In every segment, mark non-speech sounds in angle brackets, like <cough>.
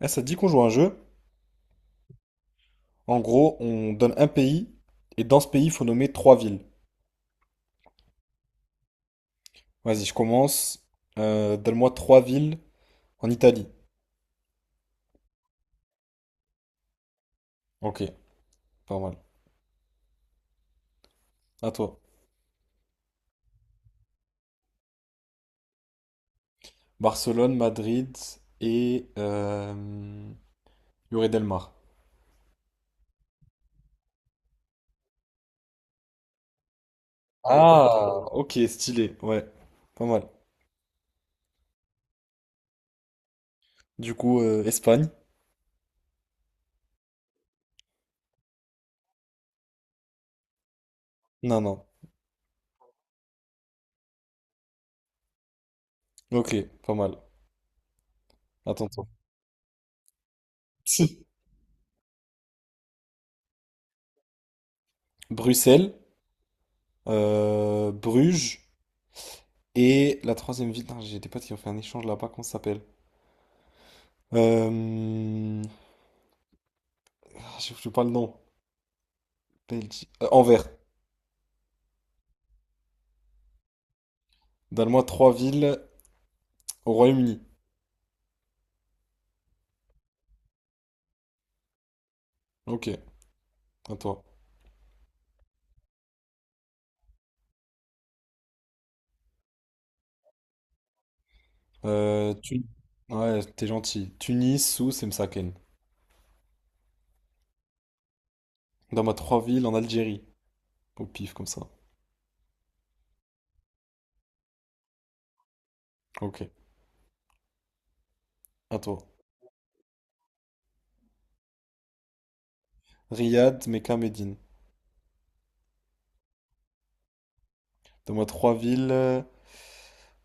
Eh, ça te dit qu'on joue à un jeu? En gros, on donne un pays et dans ce pays, il faut nommer trois villes. Vas-y, je commence. Donne-moi trois villes en Italie. Ok, pas mal. À toi. Barcelone, Madrid et Lloret del Mar. Ah, ok, stylé. Ouais, pas mal. Du coup, Espagne? Non, non. Ok, pas mal. Attends, toi. Si. Bruxelles, Bruges et la troisième ville. Non, j'ai des potes qui ont fait un échange là-bas. Comment ça s'appelle? Euh, Je sais pas le nom. Belgique. Anvers. Donne-moi trois villes au Royaume-Uni. Ok, à toi. Euh, Tun- Ouais, t'es gentil. Tunis, Sousse et Msaken. Donne-moi trois villes en Algérie. Au pif, comme ça. Ok, à toi. Riyad, Mecca, Médine. Donne-moi trois villes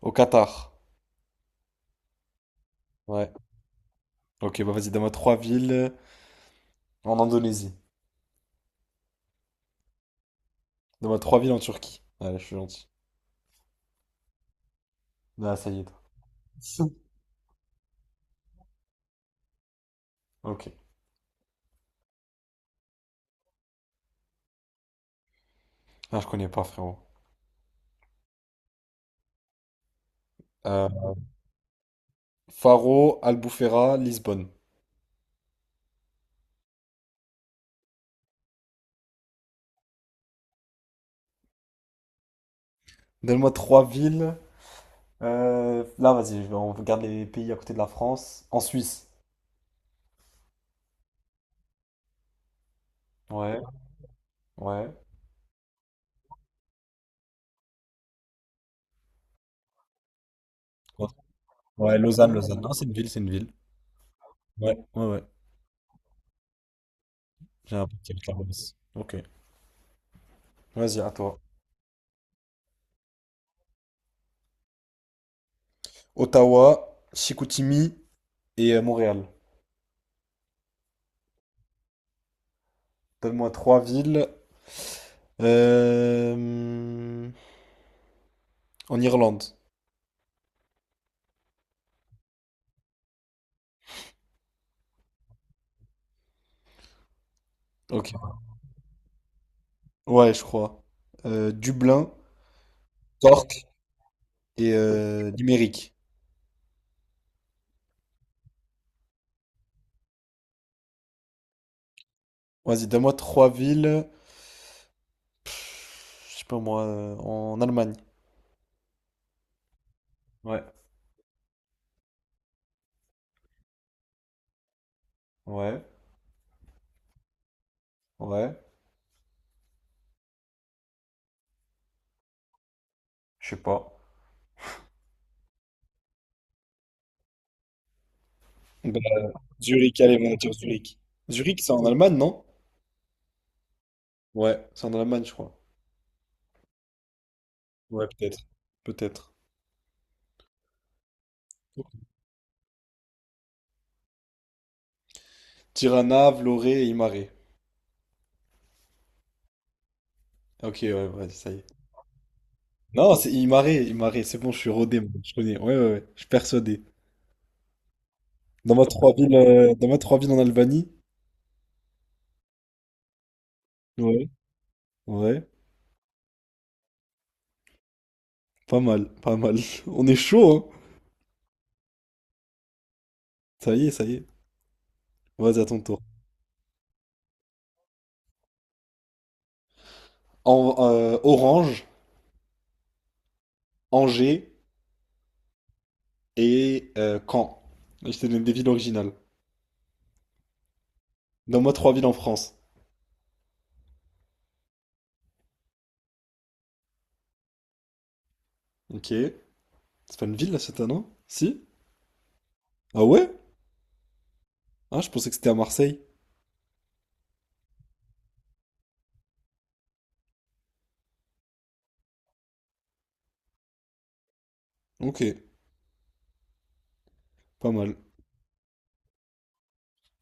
au Qatar. Ouais. Ok, bah vas-y, donne-moi trois villes en Indonésie. Donne-moi trois villes en Turquie. Allez, je suis gentil. Ah, ça y est. Ok. Ah, je connais pas, frérot. Euh, Faro, Albufeira, Lisbonne. Donne-moi trois villes. Là, vas-y, je vais- On regarde les pays à côté de la France. En Suisse. Ouais, ouais. Ouais, Lausanne, Lausanne. Non, c'est une ville, c'est une ville. Ouais, ouais, ouais. J'ai un petit avec la Beauce. Ok. Vas-y, à toi. Ottawa, Chicoutimi et Montréal. Donne-moi trois villes. Euh, En Irlande. Ok. Ouais, je crois. Dublin, Cork et Limerick. Vas-y, donne-moi trois villes. Pff, je sais pas moi, en Allemagne. Ouais, ouais, ouais, je sais pas. Bah, Zurich, allez, on va dire Zurich. Zurich, c'est en Allemagne, non? Ouais, c'est en Allemagne, je crois. Ouais, peut-être. Peut-être. Tirana, Vlorë et Imare. Ok, ouais, vas-y, ça y est. Non, c'est Imare, Imare, c'est bon, je suis rodé, moi, je connais. Ouais, ouais, ouais, je suis persuadé. Dans ma trois villes en Albanie. Ouais. Ouais, pas mal, pas mal. <laughs> On est chaud, hein. Ça y est. Vas-y, à ton tour. Orange, Angers et Caen. Là, je te donne des villes originales. Donne-moi trois villes en France. Ok. C'est pas une ville, là, cette année? Hein? Si? Ah ouais? Ah, je pensais que c'était à Marseille. Ok, pas mal.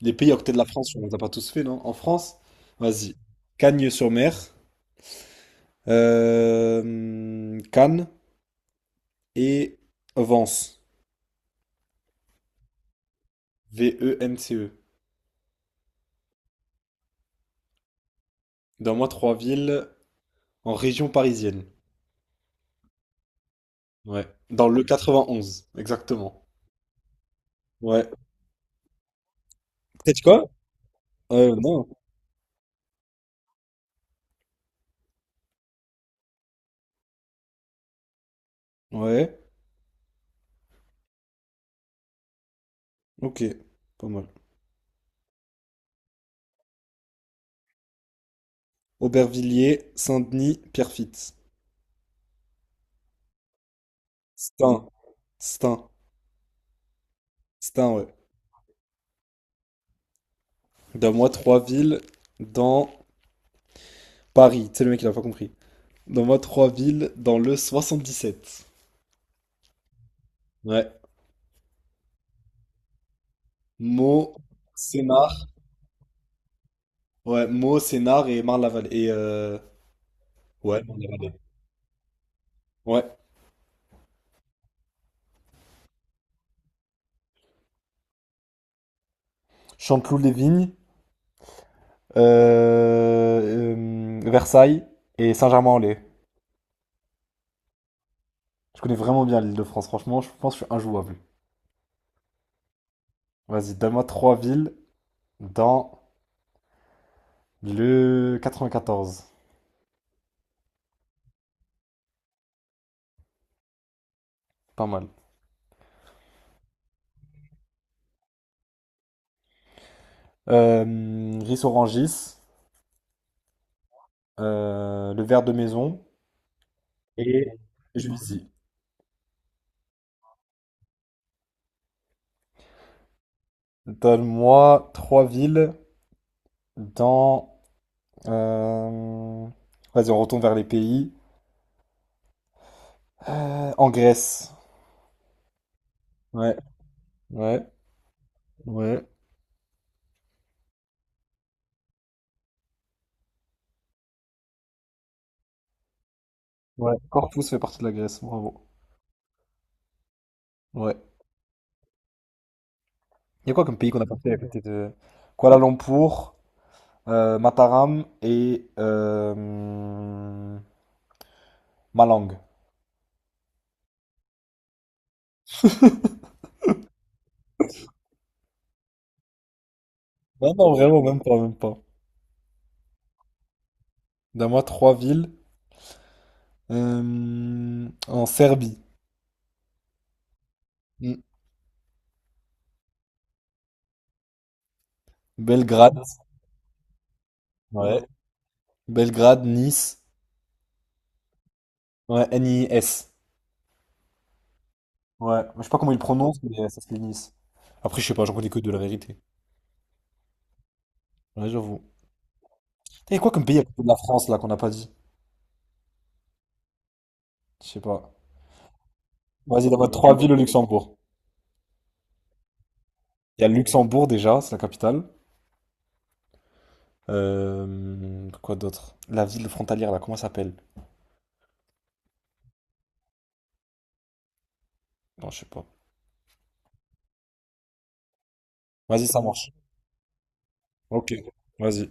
Les pays à côté de la France, on les a pas tous fait, non? En France? Vas-y. Cagnes-sur-Mer, Cannes et Vence. Vence. Donne-moi trois villes en région parisienne. Ouais. Dans le 91, exactement. Ouais. Peut-être quoi? Non. Ouais. Ok. Pas mal. Aubervilliers, Saint-Denis, Pierrefitte. Stains, Stains, Stains, ouais. Donne-moi trois villes dans Paris. C'est le mec, il a pas compris. Donne-moi trois villes dans le 77. Ouais. Meaux, Sénart. Ouais, Meaux, Sénart et Marne-la-Vallée. Et ouais, Marne-la-Vallée. Ouais. Chanteloup-les-Vignes, Versailles et Saint-Germain-en-Laye. Je connais vraiment bien l'Île-de-France, franchement, je pense que je suis injouable. Vas-y, donne-moi trois villes dans le 94. Pas mal. Riz Orangis, le verre de maison et Juicy. Donne-moi trois villes dans. euh, Vas-y, on retourne vers les pays. En Grèce. Ouais, ouais, ouais, ouais. Corpus fait partie de la Grèce, bravo. Ouais. Il y a quoi comme pays qu'on a passé à côté de Kuala Lumpur, Mataram et Malang. Non, non, vraiment, même pas, même pas. Donne-moi trois villes. En Serbie. Mm. Belgrade. Ouais. Belgrade, Nice. Ouais, Nis. Ouais. Je sais pas comment ils le prononcent, mais ça s'écrit Nice. Après, je sais pas, j'en connais que de la vérité. Ouais, j'avoue. Il y a quoi comme pays à côté de la France, là, qu'on n'a pas dit? Je sais pas. Vas-y, donne-moi trois villes au Luxembourg. Il y a le Luxembourg, déjà, c'est la capitale. Quoi d'autre? La ville frontalière, là, comment ça s'appelle? Bon, je sais pas. Vas-y, ça marche. Ok. Vas-y.